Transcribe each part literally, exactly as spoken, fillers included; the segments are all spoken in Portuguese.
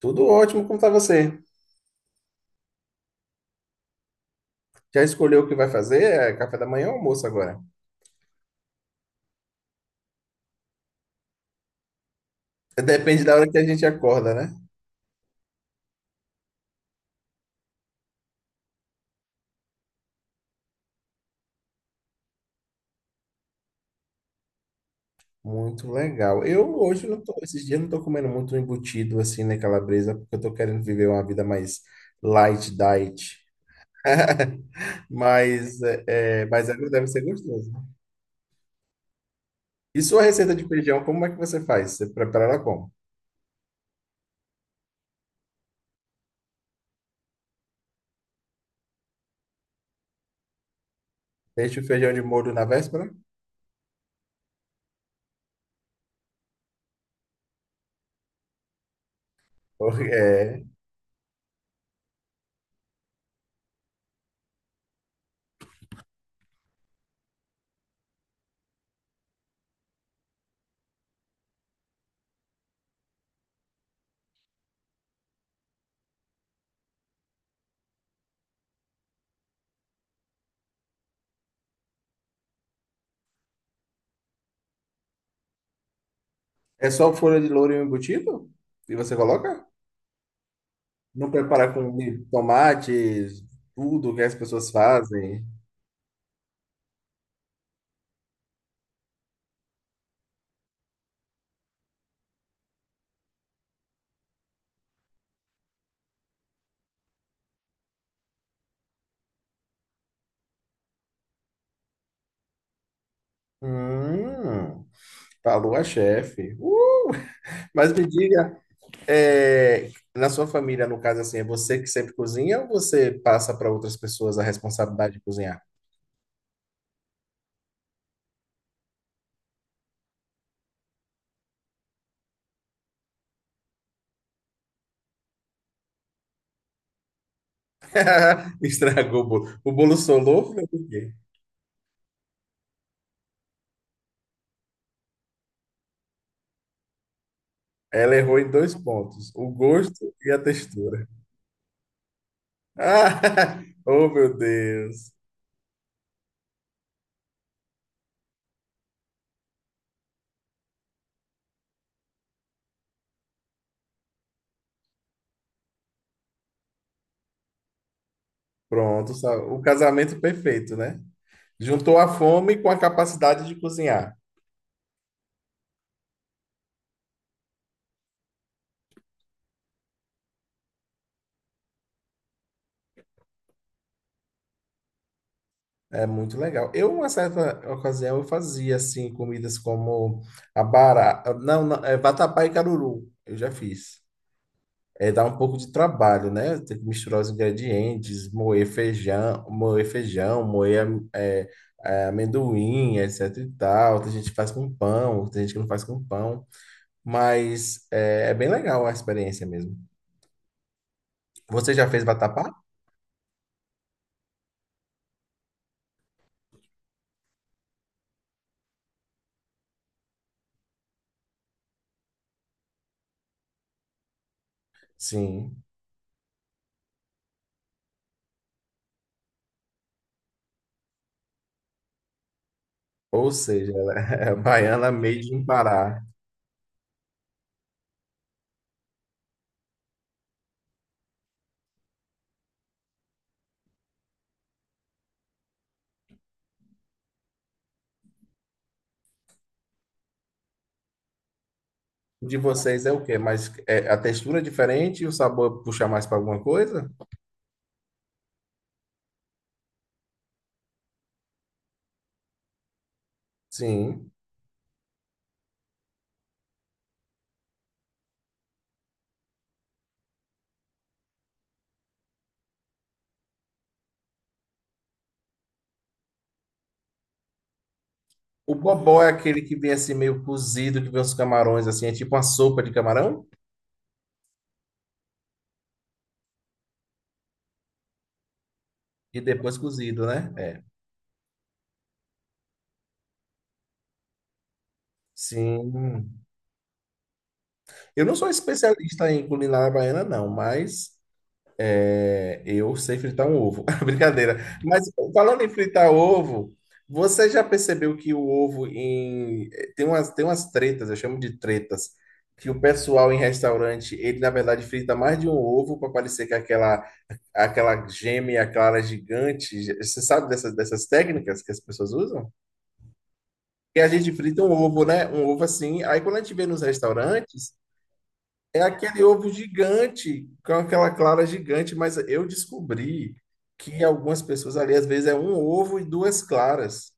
Tudo ótimo, como tá você? Já escolheu o que vai fazer? É café da manhã ou almoço agora? Depende da hora que a gente acorda, né? Muito legal. Eu hoje não tô, esses dias não tô comendo muito embutido assim, né, calabresa, porque eu tô querendo viver uma vida mais light diet. Mas, é, é, mas ela deve ser gostoso. Né? E sua receita de feijão, como é que você faz? Você prepara ela como? Deixa o feijão de molho na véspera? Ou é, é só folha de louro e o embutido? E você coloca? Não preparar com tomates, tudo que as pessoas fazem. Hum, falou a chefe. Uh! Mas me diga, é, na sua família, no caso assim, é você que sempre cozinha ou você passa para outras pessoas a responsabilidade de cozinhar? Estragou o bolo. O bolo solou, foi por quê? Ela errou em dois pontos, o gosto e a textura. Ah, oh, meu Deus. Pronto, sa- o casamento perfeito, né? Juntou a fome com a capacidade de cozinhar. É muito legal. Eu, uma certa ocasião, eu fazia assim comidas como abará, não, não, é vatapá e caruru. Eu já fiz. É, dá um pouco de trabalho, né? Tem que misturar os ingredientes, moer feijão, moer feijão, moer é, é, amendoim, etc e tal. Tem gente que faz com pão, tem gente que não faz com pão. Mas é, é bem legal a experiência mesmo. Você já fez vatapá? Sim. Ou seja, ela é baiana made in Pará. De vocês é o quê? Mas é, a textura é diferente e o sabor puxa mais para alguma coisa? Sim. O bobó é aquele que vem assim meio cozido, que vem os camarões assim, é tipo uma sopa de camarão e depois cozido, né? É. Sim. Eu não sou especialista em culinária baiana, não, mas é, eu sei fritar um ovo. Brincadeira. Mas falando em fritar ovo, você já percebeu que o ovo em... eh, tem umas, tem umas tretas, eu chamo de tretas, que o pessoal em restaurante, ele na verdade frita mais de um ovo para parecer que é aquela aquela gêmea clara gigante. Você sabe dessas, dessas técnicas que as pessoas usam? Que a gente frita um ovo, né? Um ovo assim. Aí quando a gente vê nos restaurantes, é aquele ovo gigante, com aquela clara gigante, mas eu descobri que algumas pessoas ali, às vezes, é um ovo e duas claras.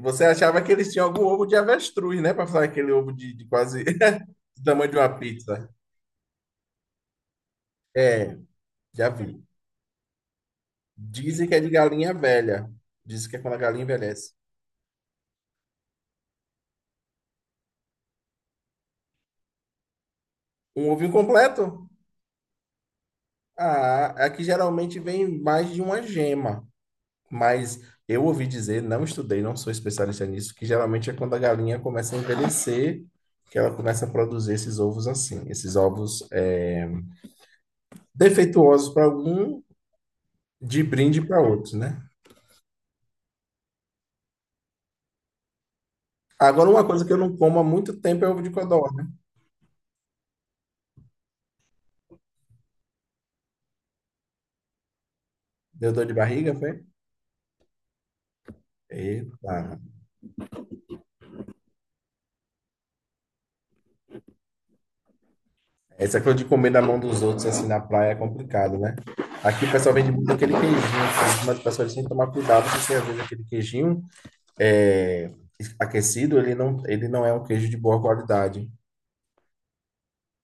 Você achava que eles tinham algum ovo de avestruz, né? Para falar aquele ovo de, de quase do tamanho de uma pizza. É, já vi. Dizem que é de galinha velha. Dizem que é quando a galinha envelhece. Um ovo incompleto? Ah, aqui geralmente vem mais de uma gema. Mas eu ouvi dizer, não estudei, não sou especialista nisso, que geralmente é quando a galinha começa a envelhecer, que ela começa a produzir esses ovos assim, esses ovos é, defeituosos para algum, de brinde para outros, né? Agora, uma coisa que eu não como há muito tempo é ovo de codorna. Deu dor de barriga, foi? Eita. Essa coisa de comer na mão dos outros, assim, na praia é complicado, né? Aqui o pessoal vende muito aquele queijinho, assim, mas o pessoal tem que tomar cuidado, porque às vezes aquele queijinho é, aquecido, ele não, ele não é um queijo de boa qualidade.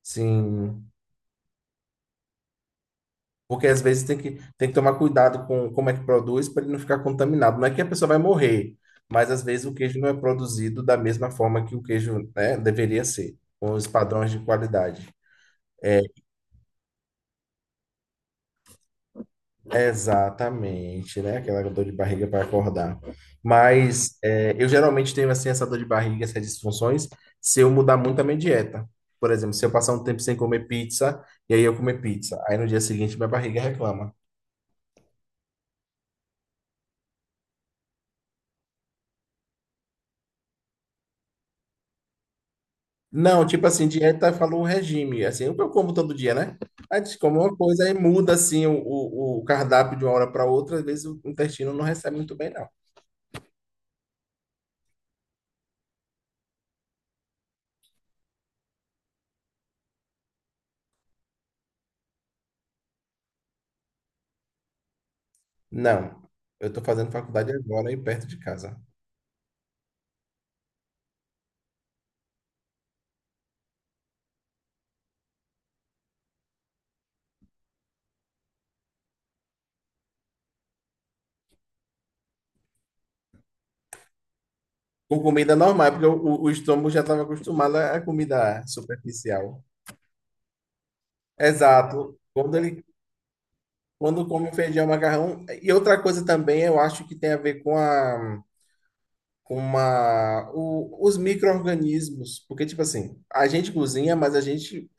Sim, porque às vezes tem que, tem que tomar cuidado com como é que produz para ele não ficar contaminado. Não é que a pessoa vai morrer, mas às vezes o queijo não é produzido da mesma forma que o queijo, né, deveria ser, com os padrões de qualidade. Exatamente, né? Aquela dor de barriga para acordar. Mas é, eu geralmente tenho assim essa dor de barriga, essas disfunções, se eu mudar muito a minha dieta. Por exemplo, se eu passar um tempo sem comer pizza e aí eu comer pizza, aí no dia seguinte minha barriga reclama. Não, tipo assim, dieta falou regime, assim, eu como todo dia, né? Aí a gente come uma coisa aí muda assim o, o, o cardápio de uma hora para outra, às vezes o intestino não recebe muito bem, não. Não, eu tô fazendo faculdade agora aí perto de casa. Com comida normal, porque o, o estômago já estava acostumado à comida superficial. Exato. Quando ele, quando come feijão, macarrão. E outra coisa também, eu acho que tem a ver com a, com uma, o- os micro-organismos. Porque, tipo assim, a gente cozinha, mas a gente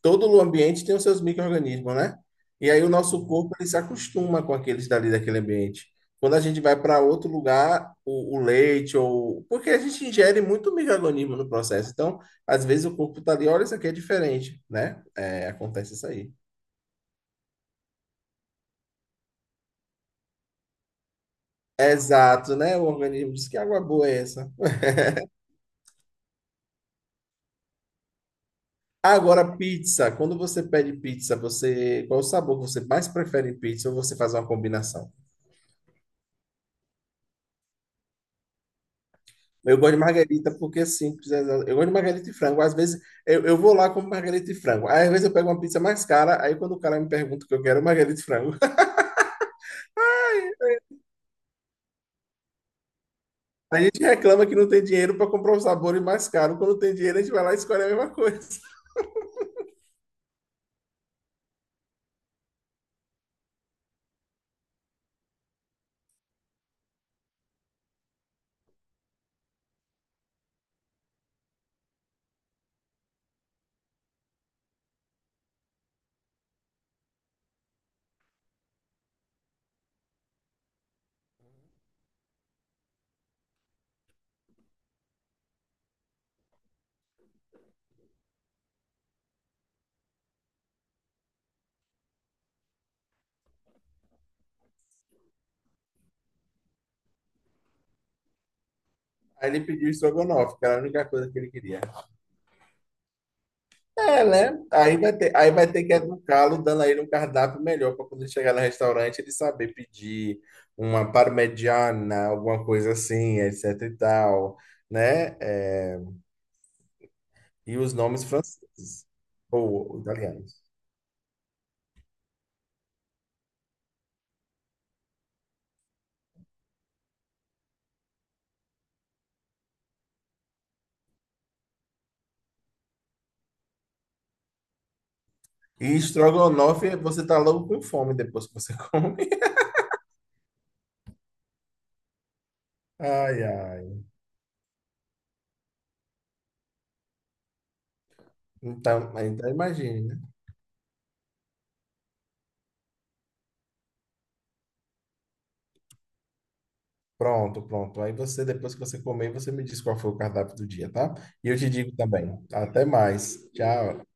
todo o ambiente tem os seus micro-organismos, né? E aí o nosso corpo ele se acostuma com aqueles dali daquele ambiente. Quando a gente vai para outro lugar, o, o leite ou porque a gente ingere muito micro-organismo no processo. Então, às vezes o corpo tá ali, olha, isso aqui é diferente, né? É, acontece isso aí. É, exato, né? O organismo diz que água boa é essa. Agora, pizza. Quando você pede pizza, você qual o sabor que você mais prefere em pizza ou você faz uma combinação? Eu gosto de margarita porque é simples. é- Eu gosto de margarita e frango. Às vezes eu, eu vou lá com margarita e frango. Aí, às vezes eu pego uma pizza mais cara. Aí quando o cara me pergunta o que eu quero, é margarita e frango. A gente reclama que não tem dinheiro para comprar os sabores mais caro. Quando tem dinheiro, a gente vai lá e escolhe a mesma coisa. Aí ele pediu estrogonofe, que era a única coisa que ele queria. É, né? Aí vai ter, aí vai ter que educá-lo, dando a ele um cardápio melhor para quando ele chegar no restaurante ele saber pedir uma parmegiana, alguma coisa assim, etc e tal, né? É, e os nomes franceses ou italianos. E estrogonofe, você tá logo com fome depois que você come. Ai, ai. Então, então imagine, né? Pronto, pronto. Aí você, depois que você comer, você me diz qual foi o cardápio do dia, tá? E eu te digo também. Até mais. Tchau.